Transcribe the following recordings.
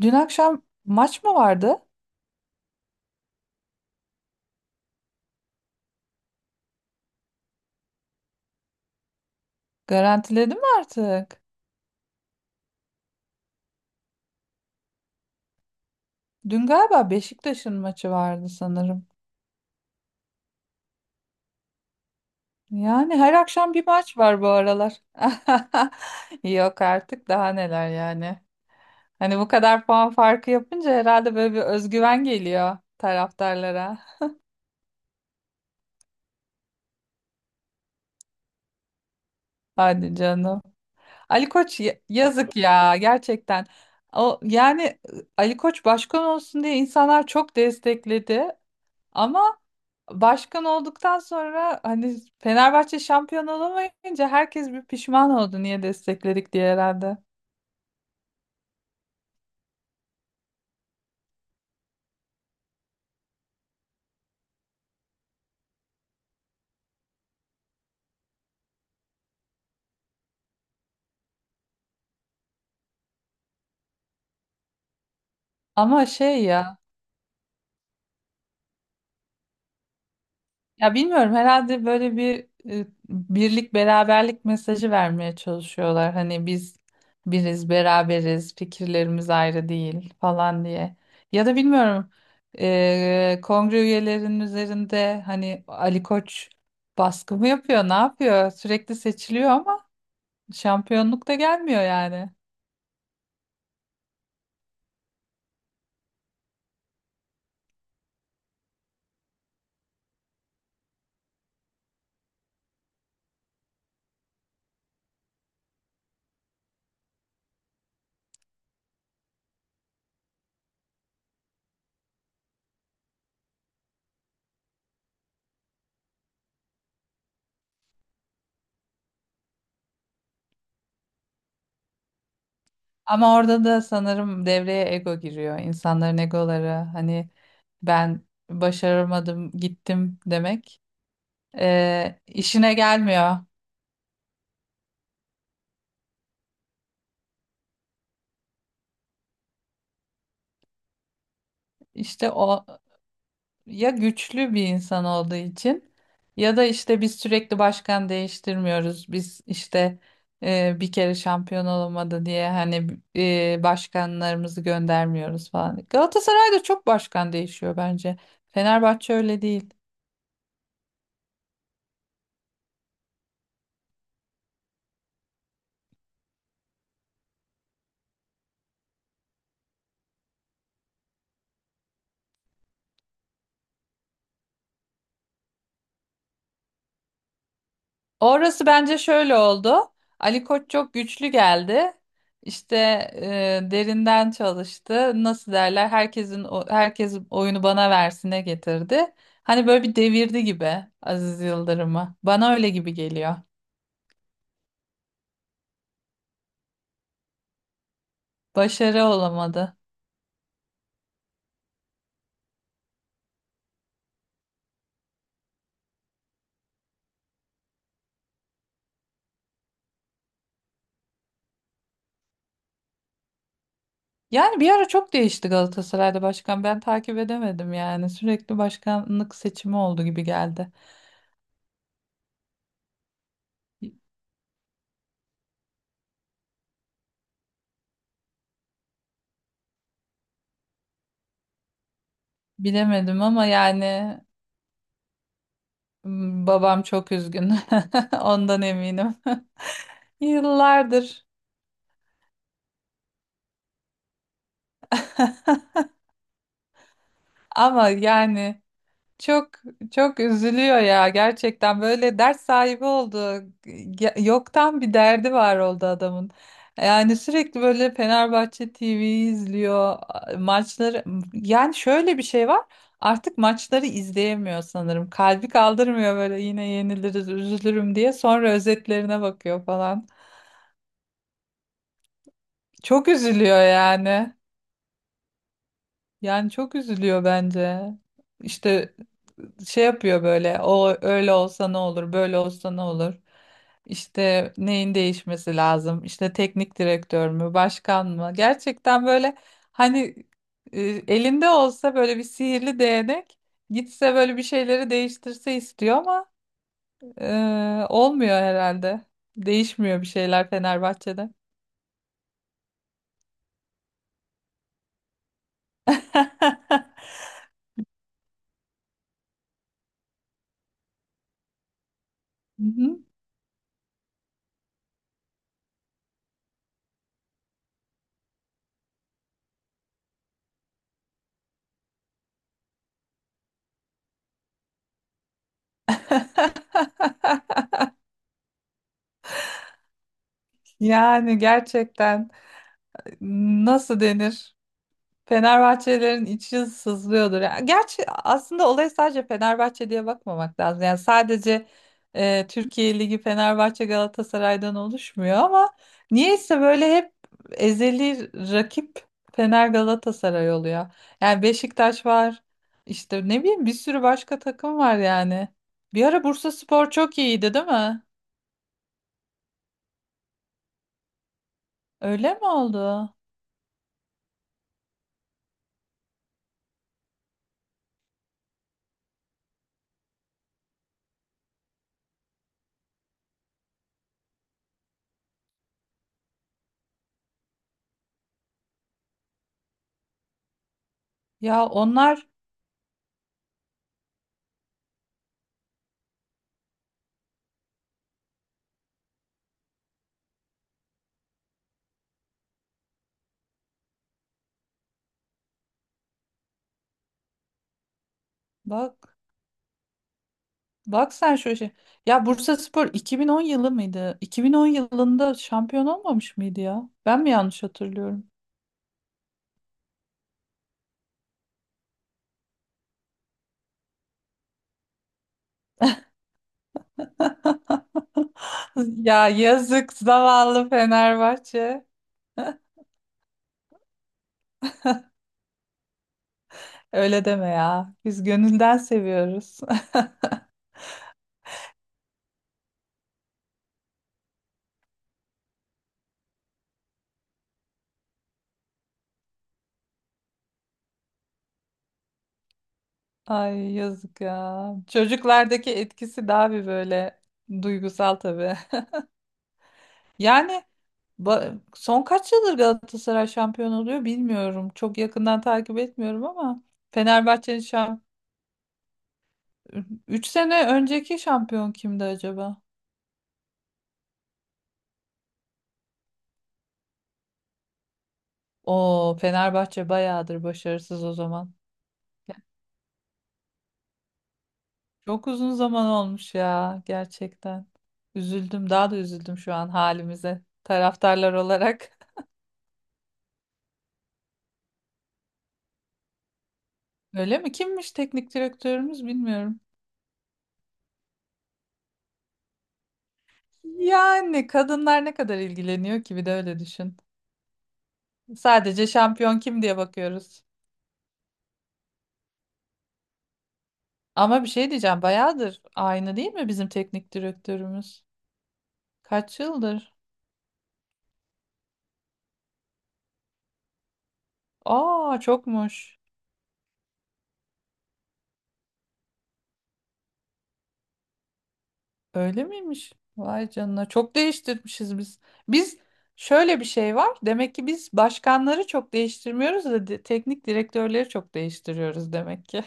Dün akşam maç mı vardı? Garantiledim artık. Dün galiba Beşiktaş'ın maçı vardı sanırım. Yani her akşam bir maç var bu aralar. Yok artık daha neler yani. Hani bu kadar puan farkı yapınca herhalde böyle bir özgüven geliyor taraftarlara. Hadi canım. Ali Koç yazık ya gerçekten. O yani Ali Koç başkan olsun diye insanlar çok destekledi ama başkan olduktan sonra hani Fenerbahçe şampiyon olamayınca herkes bir pişman oldu niye destekledik diye herhalde. Ama şey ya ya bilmiyorum herhalde böyle bir birlik beraberlik mesajı vermeye çalışıyorlar. Hani biz biriz beraberiz fikirlerimiz ayrı değil falan diye. Ya da bilmiyorum kongre üyelerinin üzerinde hani Ali Koç baskı mı yapıyor ne yapıyor sürekli seçiliyor ama şampiyonluk da gelmiyor yani. Ama orada da sanırım devreye ego giriyor. İnsanların egoları hani ben başaramadım gittim demek işine gelmiyor. İşte o ya güçlü bir insan olduğu için ya da işte biz sürekli başkan değiştirmiyoruz. Biz işte bir kere şampiyon olamadı diye hani başkanlarımızı göndermiyoruz falan. Galatasaray'da çok başkan değişiyor bence. Fenerbahçe öyle değil. Orası bence şöyle oldu. Ali Koç çok güçlü geldi. İşte derinden çalıştı. Nasıl derler? Herkesin herkes oyunu bana versine getirdi. Hani böyle bir devirdi gibi Aziz Yıldırım'ı. Bana öyle gibi geliyor. Başarı olamadı. Yani bir ara çok değişti Galatasaray'da başkan. Ben takip edemedim yani. Sürekli başkanlık seçimi oldu gibi geldi. Bilemedim ama yani babam çok üzgün. Ondan eminim. Yıllardır. Ama yani çok çok üzülüyor ya gerçekten böyle dert sahibi oldu. Yoktan bir derdi var oldu adamın. Yani sürekli böyle Fenerbahçe TV'yi izliyor, maçları. Yani şöyle bir şey var. Artık maçları izleyemiyor sanırım. Kalbi kaldırmıyor böyle yine yeniliriz, üzülürüm diye. Sonra özetlerine bakıyor falan. Çok üzülüyor yani. Yani çok üzülüyor bence. İşte şey yapıyor böyle. O öyle olsa ne olur, böyle olsa ne olur. İşte neyin değişmesi lazım? İşte teknik direktör mü, başkan mı? Gerçekten böyle hani e, elinde olsa böyle bir sihirli değnek gitse böyle bir şeyleri değiştirse istiyor ama olmuyor herhalde. Değişmiyor bir şeyler Fenerbahçe'de. Hı hı. Yani gerçekten nasıl denir? Fenerbahçelerin içi sızlıyordur. Yani gerçi aslında olaya sadece Fenerbahçe diye bakmamak lazım. Yani sadece Türkiye Ligi Fenerbahçe Galatasaray'dan oluşmuyor ama niyeyse böyle hep ezeli rakip Fener Galatasaray oluyor. Yani Beşiktaş var. İşte ne bileyim bir sürü başka takım var yani. Bir ara Bursaspor çok iyiydi, değil mi? Öyle mi oldu? Ya onlar bak Bak sen şöyle şey. Ya Bursaspor 2010 yılı mıydı? 2010 yılında şampiyon olmamış mıydı ya? Ben mi yanlış hatırlıyorum? Ya yazık zavallı Fenerbahçe. Öyle deme ya. Biz gönülden seviyoruz. Ay yazık ya. Çocuklardaki etkisi daha bir böyle duygusal tabii. Yani son kaç yıldır Galatasaray şampiyon oluyor bilmiyorum. Çok yakından takip etmiyorum ama Fenerbahçe'nin şampiyon 3 sene önceki şampiyon kimdi acaba? O Fenerbahçe bayağıdır başarısız o zaman. Çok uzun zaman olmuş ya gerçekten. Üzüldüm, daha da üzüldüm şu an halimize taraftarlar olarak. Öyle mi? Kimmiş teknik direktörümüz bilmiyorum. Yani kadınlar ne kadar ilgileniyor ki bir de öyle düşün. Sadece şampiyon kim diye bakıyoruz. Ama bir şey diyeceğim bayağıdır aynı değil mi bizim teknik direktörümüz? Kaç yıldır? Aa çokmuş. Öyle miymiş? Vay canına. Çok değiştirmişiz biz. Biz şöyle bir şey var. Demek ki biz başkanları çok değiştirmiyoruz da teknik direktörleri çok değiştiriyoruz demek ki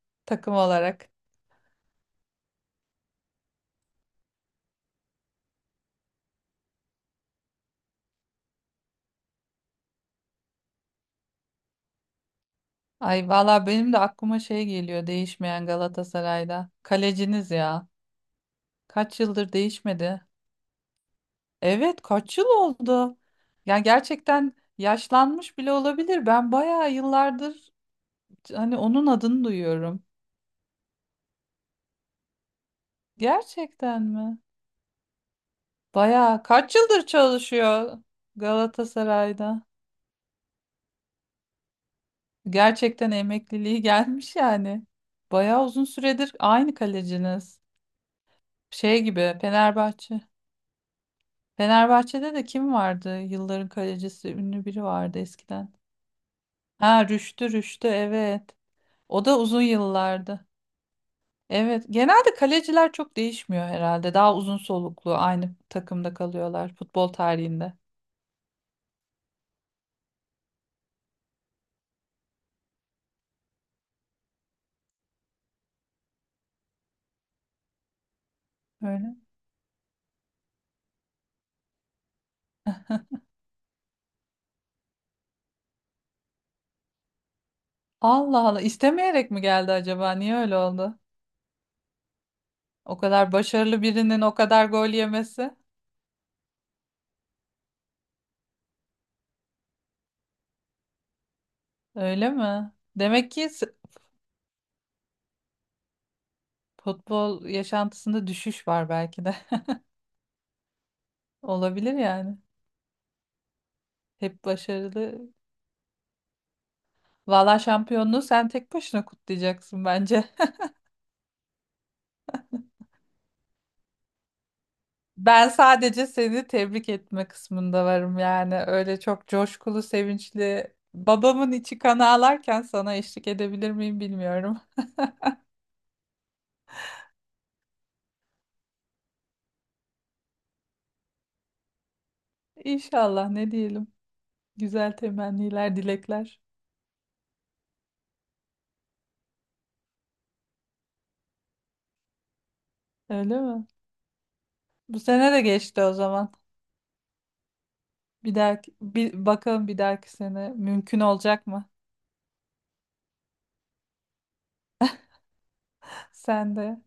takım olarak. Ay valla benim de aklıma şey geliyor değişmeyen Galatasaray'da. Kaleciniz ya. Kaç yıldır değişmedi. Evet kaç yıl oldu. Ya gerçekten yaşlanmış bile olabilir. Ben bayağı yıllardır hani onun adını duyuyorum. Gerçekten mi? Bayağı kaç yıldır çalışıyor Galatasaray'da. Gerçekten emekliliği gelmiş yani. Bayağı uzun süredir aynı kaleciniz. Şey gibi Fenerbahçe. Fenerbahçe'de de kim vardı? Yılların kalecisi ünlü biri vardı eskiden. Ha Rüştü Rüştü evet. O da uzun yıllardı. Evet, genelde kaleciler çok değişmiyor herhalde. Daha uzun soluklu aynı takımda kalıyorlar futbol tarihinde. Öyle. Allah Allah istemeyerek mi geldi acaba? Niye öyle oldu? O kadar başarılı birinin o kadar gol yemesi. Öyle mi? Demek ki futbol yaşantısında düşüş var belki de. Olabilir yani. Hep başarılı. Valla şampiyonluğu sen tek başına kutlayacaksın bence. Ben sadece seni tebrik etme kısmında varım yani. Öyle çok coşkulu, sevinçli. Babamın içi kan ağlarken sana eşlik edebilir miyim bilmiyorum. İnşallah ne diyelim. Güzel temenniler, dilekler. Öyle mi? Bu sene de geçti o zaman. Bir dahaki, bakalım bir dahaki sene mümkün olacak mı? Sen de.